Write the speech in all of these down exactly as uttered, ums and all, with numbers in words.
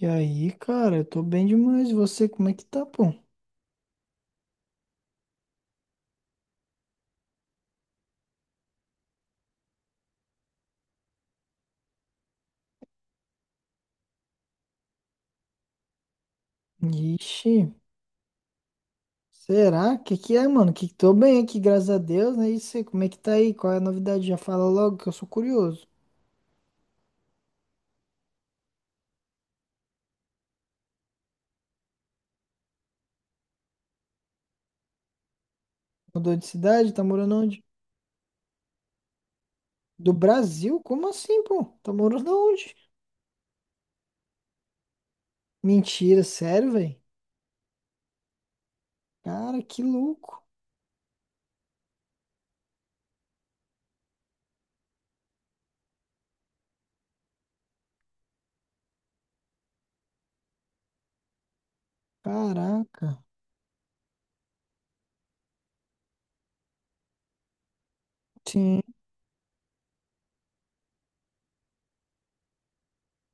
E aí, cara, eu tô bem demais. E você, como é que tá, pô? Ixi, será? Que que é, mano? Que que tô bem aqui, graças a Deus, né? E você, como é que tá aí? Qual é a novidade? Já fala logo que eu sou curioso. Mudou de cidade? Tá morando onde? Do Brasil? Como assim, pô? Tá morando onde? Mentira, sério, velho? Cara, que louco. Caraca. Sim.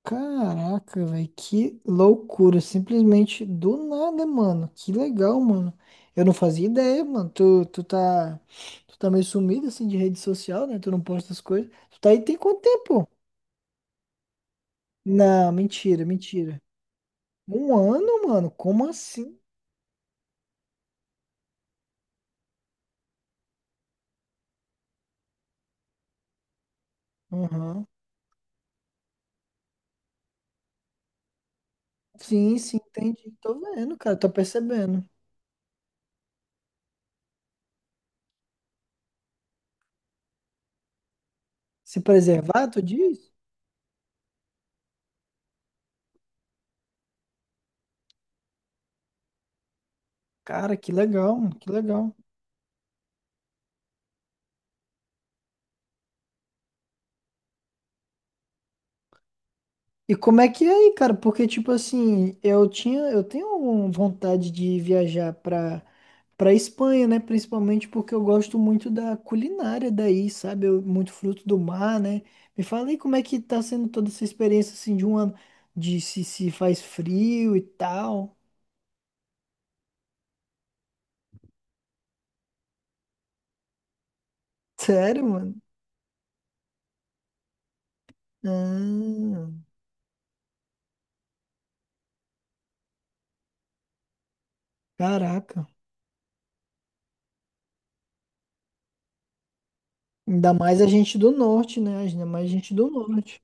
Caraca, velho, que loucura, simplesmente do nada, mano. Que legal, mano. Eu não fazia ideia, mano. Tu, tu tá, tu tá meio sumido assim de rede social, né? Tu não posta as coisas. Tu tá aí tem quanto tempo? Não, mentira, mentira. Um ano, mano? Como assim? Aham. Sim, sim, entendi. Tô vendo, cara, tô percebendo. Se preservar, tu diz? Cara, que legal, mano, que legal. E como é que é aí, cara? Porque, tipo assim, eu tinha, eu tenho uma vontade de viajar pra, pra Espanha, né? Principalmente porque eu gosto muito da culinária daí, sabe? Eu- muito fruto do mar, né? Me fala aí como é que tá sendo toda essa experiência, assim, de um ano, de se, se faz frio e tal. Sério, mano? Ah, caraca. Ainda mais a gente do norte, né? Ainda mais a gente do norte.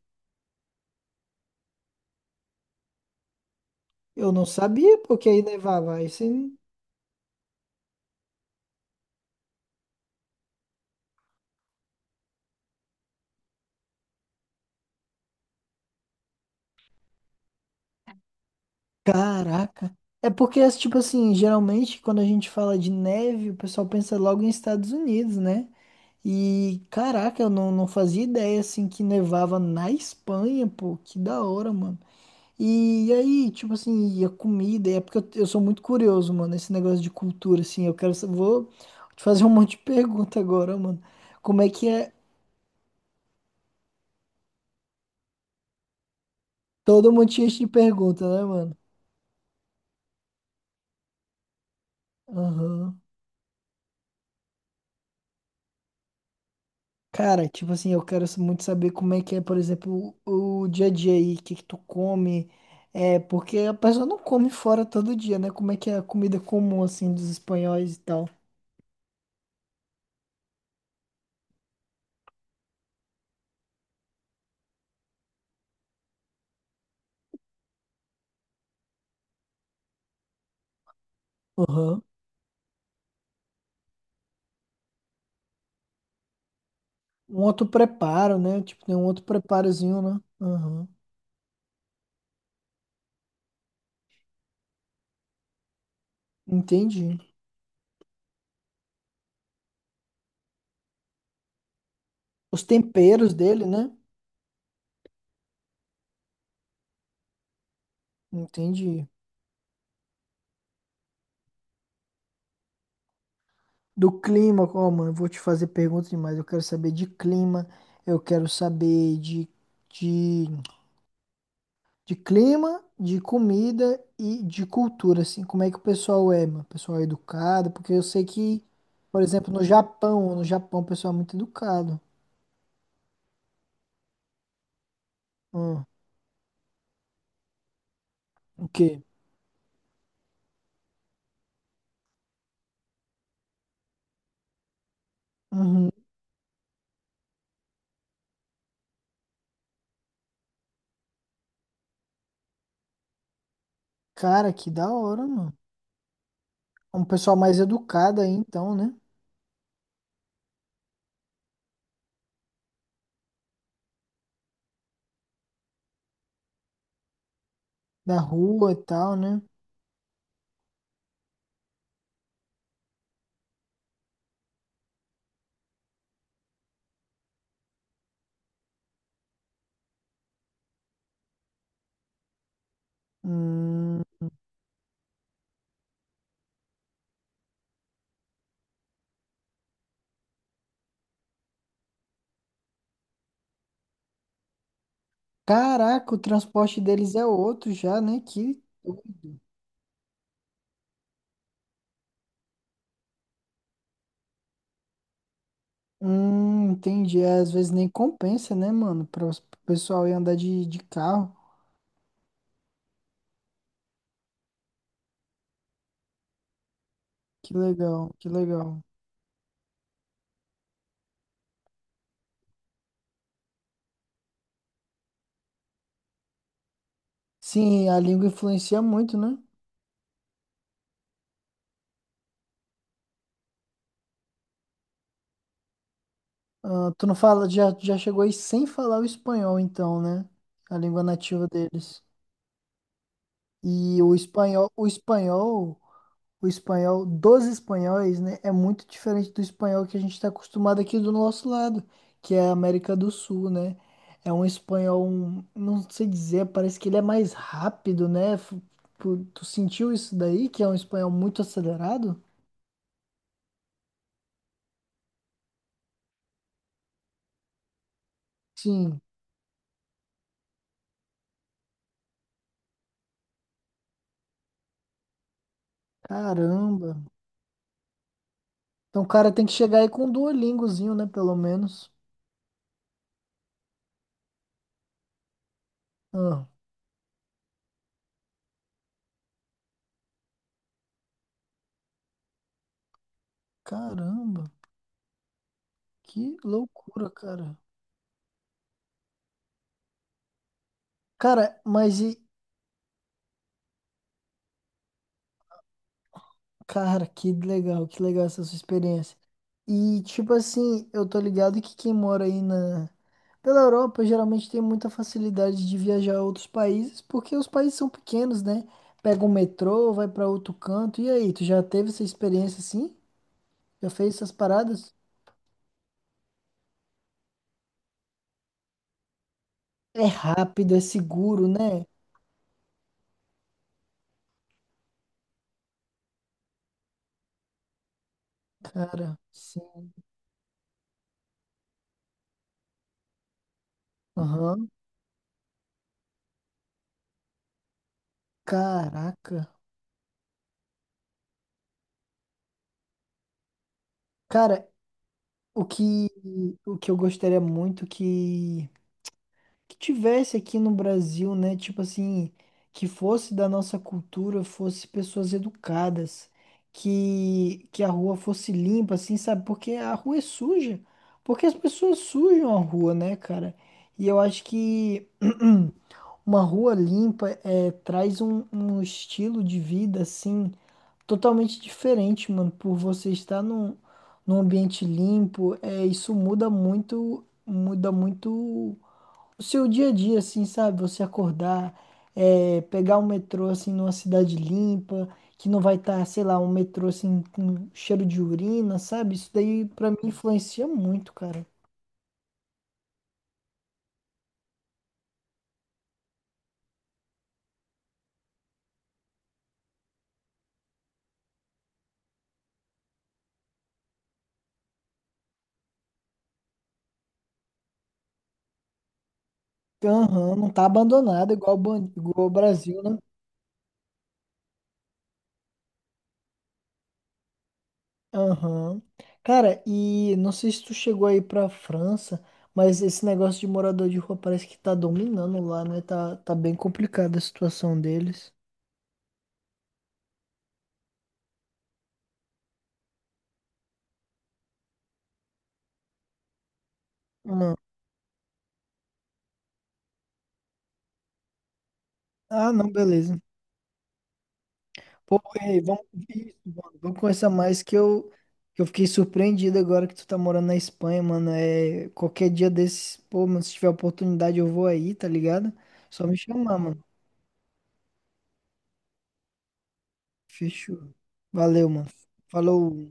Eu não sabia porque aí nevava. Aí sim. Caraca. É porque, tipo assim, geralmente quando a gente fala de neve, o pessoal pensa logo em Estados Unidos, né? E caraca, eu não, não fazia ideia assim que nevava na Espanha, pô, que da hora, mano. E, aí, tipo assim, e a comida, e é porque eu, eu sou muito curioso, mano, esse negócio de cultura, assim, eu quero, sa- vou te fazer um monte de pergunta agora, mano. Como é que é? Todo mundo tinha de pergunta, né, mano? Aham. Cara, tipo assim, eu quero muito saber como é que é, por exemplo, o, o dia a dia aí, o que que tu come. É, porque a pessoa não come fora todo dia, né? Como é que é a comida comum, assim, dos espanhóis e tal. Aham. Um outro preparo, né? Tipo, tem um outro preparozinho, né? Aham. Entendi. Os temperos dele, né? Entendi. Do clima, ó, mano, eu vou te fazer perguntas demais. Eu quero saber de clima, eu quero saber de, de De clima, de comida e de cultura, assim, como é que o pessoal é, mano? O pessoal é educado, porque eu sei que, por exemplo, no Japão, no Japão o pessoal é muito educado. Hum, o quê? Uhum. Cara, que da hora, mano. É um pessoal mais educado aí, então, né? Da rua e tal, né? Hum, caraca, o transporte deles é outro já, né? Que, hum, entendi. É, às vezes nem compensa, né, mano? Para o pessoal ir andar de, de carro. Que legal, que legal. Sim, a língua influencia muito, né? Ah, tu não fala, já, já chegou aí sem falar o espanhol, então, né? A língua nativa deles. E o espanhol, o espanhol, o espanhol dos espanhóis, né? É muito diferente do espanhol que a gente está acostumado aqui do nosso lado, que é a América do Sul, né? É um espanhol, um- não sei dizer, parece que ele é mais rápido, né? Fu- Tu, tu sentiu isso daí, que é um espanhol muito acelerado? Sim, caramba. Então o cara tem que chegar aí com um Duolingozinho, né? Pelo menos. Ah, caramba, que loucura, cara. Cara, mas e. Cara, que legal, que legal essa sua experiência. E, tipo assim, eu tô ligado que quem mora aí na. Pela Europa, geralmente tem muita facilidade de viajar a outros países, porque os países são pequenos, né? Pega um metrô, vai pra outro canto. E aí, tu já teve essa experiência assim? Já fez essas paradas? É rápido, é seguro, né? Cara, sim. Aham. Caraca. Cara, o que, o que eu gostaria muito que, que tivesse aqui no Brasil, né? Tipo assim, que fosse da nossa cultura, fosse pessoas educadas, que, que a rua fosse limpa, assim, sabe? Porque a rua é suja. Porque as pessoas sujam a rua, né, cara? E eu acho que uma rua limpa é, traz um, um estilo de vida, assim, totalmente diferente, mano, por você estar num, num ambiente limpo, é, isso muda muito, muda muito o seu dia a dia, assim, sabe? Você acordar, é, pegar um metrô, assim, numa cidade limpa, que não vai estar, sei lá, um metrô, assim, com cheiro de urina, sabe? Isso daí, pra mim, influencia muito, cara. Aham, não tá abandonado igual, o ban- igual o Brasil, né? Aham. Cara, e não sei se tu chegou aí pra França, mas esse negócio de morador de rua parece que tá dominando lá, né? Tá, tá bem complicada a situação deles. Hum. Ah, não, beleza. Pô, ei, vamos, isso, mano, vamos conversar mais que eu, que eu fiquei surpreendido agora que tu tá morando na Espanha, mano. É, qualquer dia desses, pô, mano, se tiver oportunidade eu vou aí, tá ligado? Só me chamar, mano. Fechou. Valeu, mano. Falou.